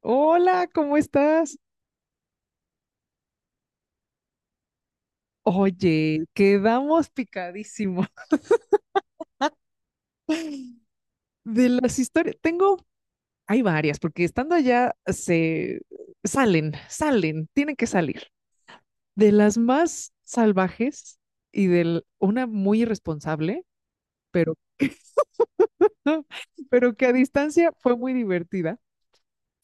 Hola, ¿cómo estás? Oye, quedamos picadísimo de las historias. Hay varias, porque estando allá se salen, tienen que salir. De las más salvajes y de una muy irresponsable, pero, pero que a distancia fue muy divertida,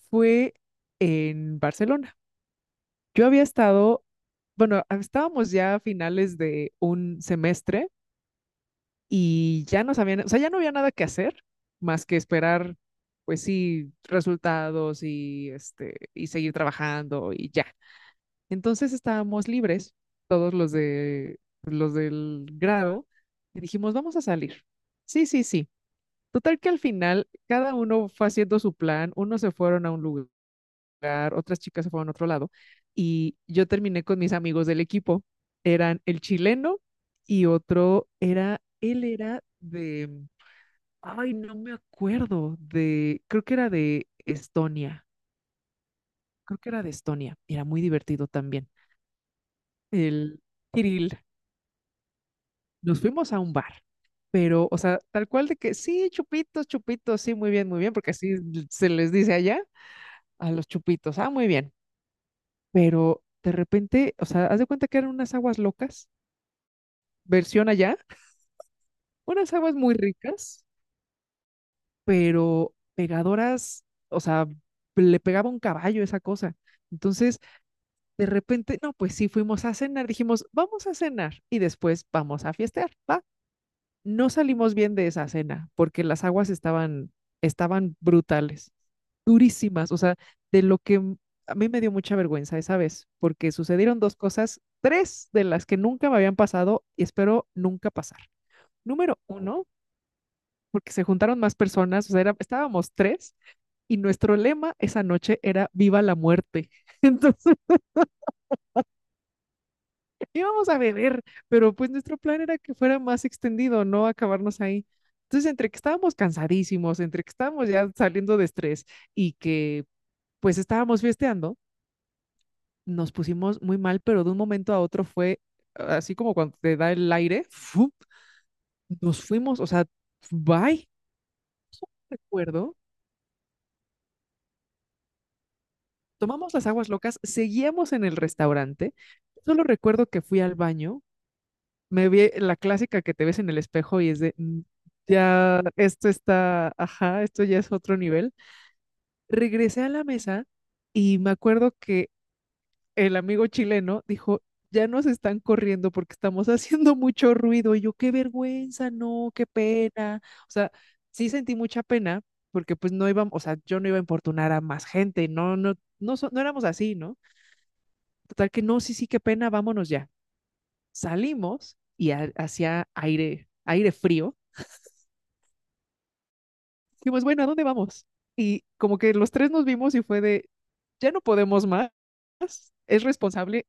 fue en Barcelona. Yo había estado, bueno, estábamos ya a finales de un semestre y ya no sabían, o sea, ya no había nada que hacer más que esperar, pues sí, resultados y y seguir trabajando y ya. Entonces estábamos libres, todos los del grado, y dijimos, vamos a salir. Sí, sí, sí. Total que al final cada uno fue haciendo su plan, unos se fueron a un lugar, otras chicas se fueron a otro lado y yo terminé con mis amigos del equipo. Eran el chileno y otro era, ay, no me acuerdo, creo que era de Estonia, era muy divertido también. El Kirill, nos fuimos a un bar, pero, o sea, tal cual de que, sí, chupitos, chupitos, sí, muy bien, porque así se les dice allá a los chupitos, ah, muy bien, pero de repente, o sea, haz de cuenta que eran unas aguas locas, versión allá, unas aguas muy ricas, pero pegadoras, o sea, le pegaba un caballo esa cosa. Entonces, de repente, no, pues sí, fuimos a cenar, dijimos, vamos a cenar y después vamos a fiestear, ¿va? No salimos bien de esa cena porque las aguas estaban brutales, durísimas, o sea, de lo que m- a mí me dio mucha vergüenza esa vez porque sucedieron tres de las que nunca me habían pasado y espero nunca pasar. Número uno, porque se juntaron más personas, o sea, estábamos tres y nuestro lema esa noche era Viva la muerte. Entonces, íbamos a beber, pero pues nuestro plan era que fuera más extendido, no acabarnos ahí. Entonces, entre que estábamos cansadísimos, entre que estábamos ya saliendo de estrés y que pues estábamos fiesteando, nos pusimos muy mal, pero de un momento a otro fue así como cuando te da el aire, ¡fu! Nos fuimos, o sea, bye, recuerdo. Tomamos las aguas locas, seguíamos en el restaurante. Solo recuerdo que fui al baño, me vi la clásica que te ves en el espejo y es de, "Mm, ya, esto está, ajá, esto ya es otro nivel". Regresé a la mesa y me acuerdo que el amigo chileno dijo, ya nos están corriendo porque estamos haciendo mucho ruido. Y yo, qué vergüenza, no, qué pena. O sea, sí sentí mucha pena porque pues no íbamos, o sea, yo no iba a importunar a más gente, no, no, no, no éramos así, ¿no? Total que no, sí, sí, qué pena, vámonos ya. Salimos y hacía aire, aire frío. Dijimos, bueno, ¿a dónde vamos? Y como que los tres nos vimos y fue de, ya no podemos más, es responsable,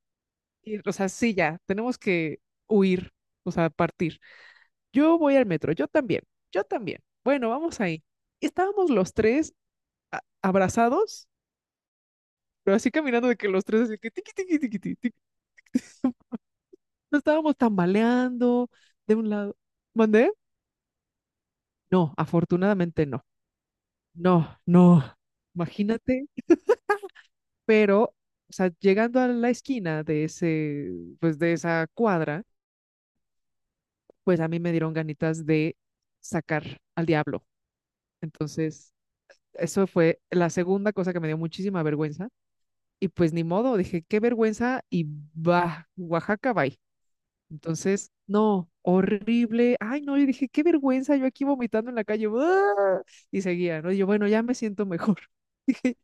y, o sea, sí, ya, tenemos que huir, o sea, partir. Yo voy al metro, yo también, yo también. Bueno, vamos ahí. Y estábamos los tres abrazados, pero así caminando de que los tres así que tiqui, tiqui, tiqui, tiqui, tiqui. Nos estábamos tambaleando de un lado. ¿Mandé? No, afortunadamente no. No, no. Imagínate, pero, o sea, llegando a la esquina de ese, pues de esa cuadra, pues a mí me dieron ganitas de sacar al diablo. Entonces, eso fue la segunda cosa que me dio muchísima vergüenza. Y pues ni modo, dije, qué vergüenza, y va, Oaxaca, bye. Entonces, no, horrible. Ay, no, yo dije, qué vergüenza, yo aquí vomitando en la calle. ¡Ah! Y seguía, ¿no? Y yo, bueno, ya me siento mejor.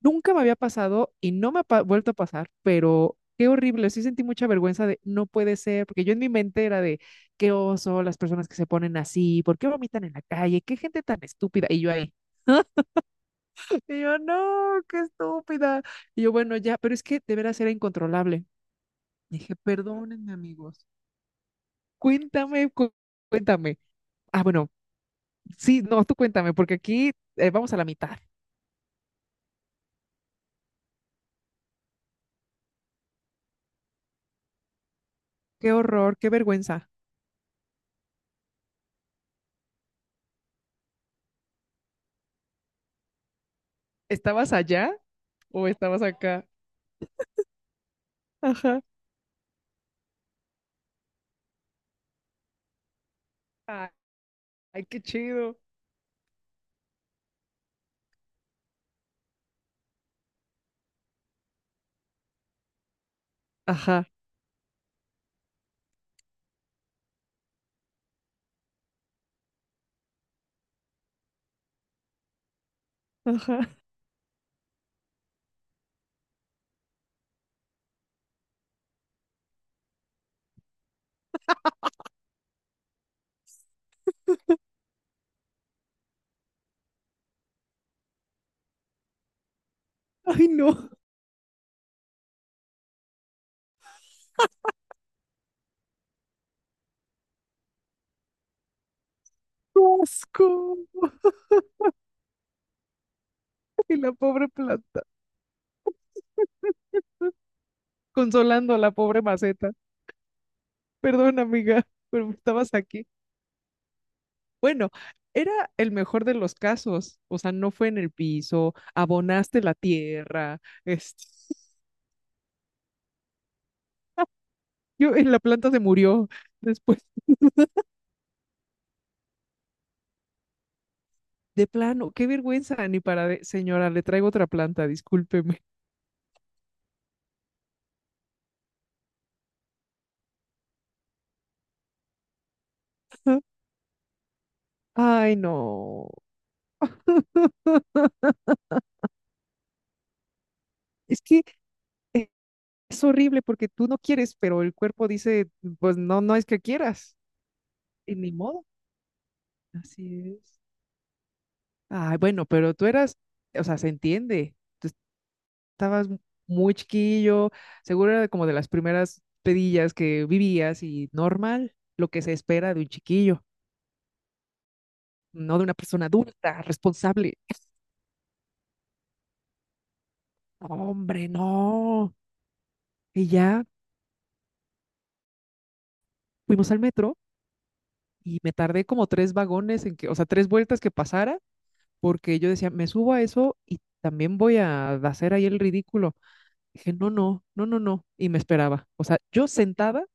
Nunca me había pasado y no me ha vuelto a pasar, pero qué horrible. Sí sentí mucha vergüenza de no puede ser, porque yo en mi mente era de qué oso, las personas que se ponen así, ¿por qué vomitan en la calle? ¿Qué gente tan estúpida? Y yo ahí, y yo, no, qué estúpida. Y yo, bueno, ya, pero es que de veras era incontrolable. Dije, perdónenme, amigos. Cuéntame, cuéntame. Ah, bueno, sí, no, tú cuéntame, porque aquí vamos a la mitad. Qué horror, qué vergüenza. ¿Estabas allá o estabas acá? Ajá. Ay, qué chido. Ajá, ajá. Ay, no, qué asco. Y la pobre planta, consolando a la pobre maceta. Perdón, amiga, pero estabas aquí. Bueno, era el mejor de los casos. O sea, no fue en el piso, abonaste la tierra. Este, yo, en la planta se murió después. De plano, qué vergüenza, ni para señora, le traigo otra planta, discúlpeme. Ay, no. Es que es horrible porque tú no quieres, pero el cuerpo dice, pues no, no es que quieras. Y ni modo. Así es. Ay, bueno, pero tú eras, o sea, se entiende. Tú estabas muy chiquillo, seguro era como de las primeras pedillas que vivías y normal, lo que se espera de un chiquillo, no de una persona adulta, responsable. Hombre, no. Y ya fuimos al metro y me tardé como tres vagones en que, o sea, tres vueltas que pasara, porque yo decía, me subo a eso y también voy a hacer ahí el ridículo. Dije, no, no, no, no, no, y me esperaba. O sea, yo sentada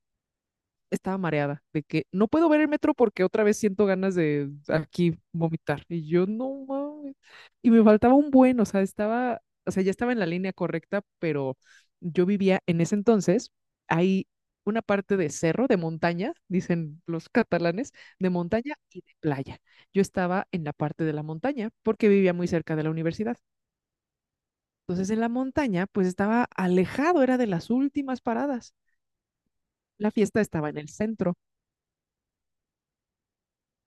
estaba mareada, de que no puedo ver el metro porque otra vez siento ganas de aquí vomitar. Y yo, no mames. Y me faltaba un buen, o sea, ya estaba en la línea correcta, pero yo vivía en ese entonces, hay una parte de cerro, de montaña, dicen los catalanes, de montaña y de playa. Yo estaba en la parte de la montaña porque vivía muy cerca de la universidad. Entonces en la montaña, pues estaba alejado, era de las últimas paradas. La fiesta estaba en el centro.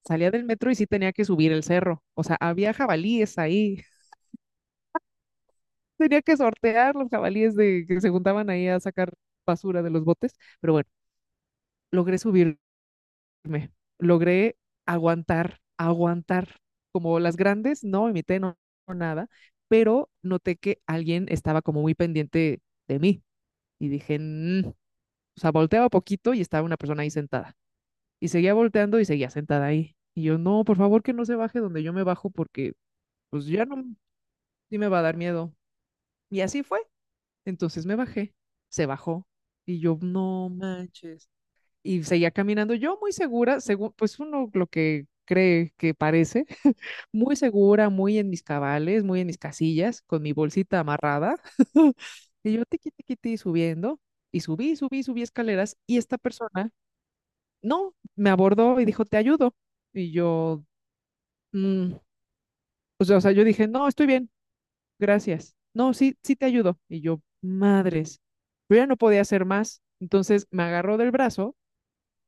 Salía del metro y sí tenía que subir el cerro. O sea, había jabalíes ahí. Tenía que sortear los jabalíes que se juntaban ahí a sacar basura de los botes. Pero bueno, logré subirme, logré aguantar. Como las grandes, no imité, no, no nada, pero noté que alguien estaba como muy pendiente de mí y dije, "Mm". O sea, volteaba poquito y estaba una persona ahí sentada. Y seguía volteando y seguía sentada ahí. Y yo, no, por favor que no se baje donde yo me bajo porque pues ya no. Sí me va a dar miedo. Y así fue. Entonces me bajé, se bajó y yo, no manches. Y seguía caminando yo muy segura, según, pues uno lo que cree que parece, muy segura, muy en mis cabales, muy en mis casillas, con mi bolsita amarrada. Y yo tiqui, tiqui, tiqui, subiendo, y subí escaleras y esta persona, no, me abordó y dijo, te ayudo. Y yo, "Mm". O sea, yo dije, no, estoy bien, gracias. No, sí, sí te ayudo. Y yo, madres. Yo ya no podía hacer más. Entonces me agarró del brazo,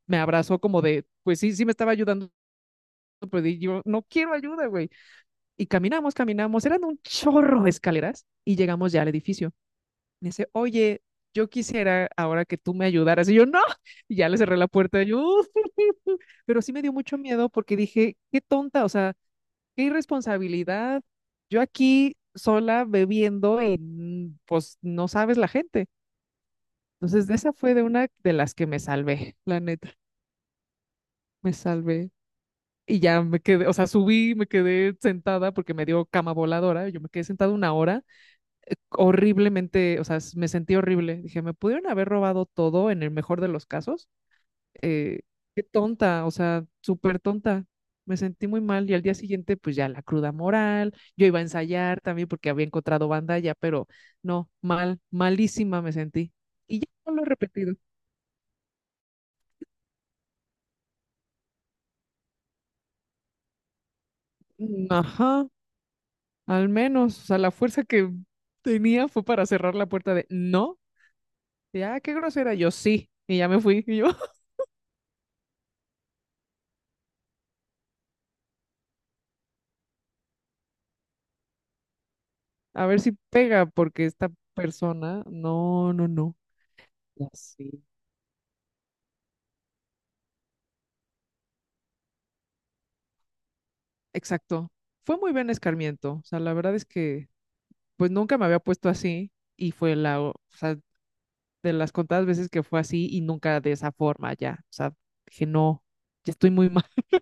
me abrazó como de, pues sí, sí me estaba ayudando, pero yo no quiero ayuda, güey. Y caminamos, eran un chorro de escaleras y llegamos ya al edificio. Me dice, oye, yo quisiera ahora que tú me ayudaras. Y yo, no, y ya le cerré la puerta. Y yo". Pero sí me dio mucho miedo porque dije, qué tonta, o sea, qué irresponsabilidad. Yo aquí sola bebiendo y mm, pues no sabes la gente. Entonces, de esa fue de una de las que me salvé, la neta, me salvé. Y ya me quedé, o sea, subí, me quedé sentada porque me dio cama voladora. Yo me quedé sentada una hora, horriblemente, o sea, me sentí horrible. Dije, me pudieron haber robado todo en el mejor de los casos. Eh, qué tonta, o sea, súper tonta. Me sentí muy mal y al día siguiente, pues ya la cruda moral. Yo iba a ensayar también porque había encontrado banda ya, pero no, mal, malísima me sentí. Y ya no lo he repetido. Mm, ajá. Al menos, o sea, la fuerza que tenía fue para cerrar la puerta de no. Ya, qué grosera. Yo sí. Y ya me fui. Y yo, a ver si pega, porque esta persona, no, no, no. Ya sí. Exacto. Fue muy buen escarmiento. O sea, la verdad es que, pues nunca me había puesto así. Y fue la, o sea, de las contadas veces que fue así y nunca de esa forma ya. O sea, dije, no, ya estoy muy mal.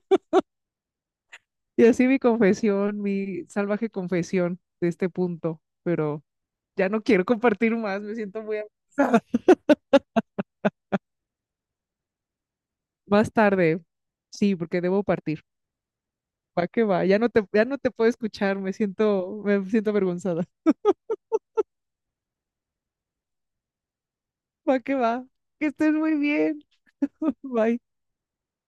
Y así mi confesión, mi salvaje confesión de este punto. Pero ya no quiero compartir más, me siento muy amenazada. Más tarde, sí, porque debo partir. Va que va, ya no te puedo escuchar, me siento avergonzada. Va, que estés muy bien. Bye.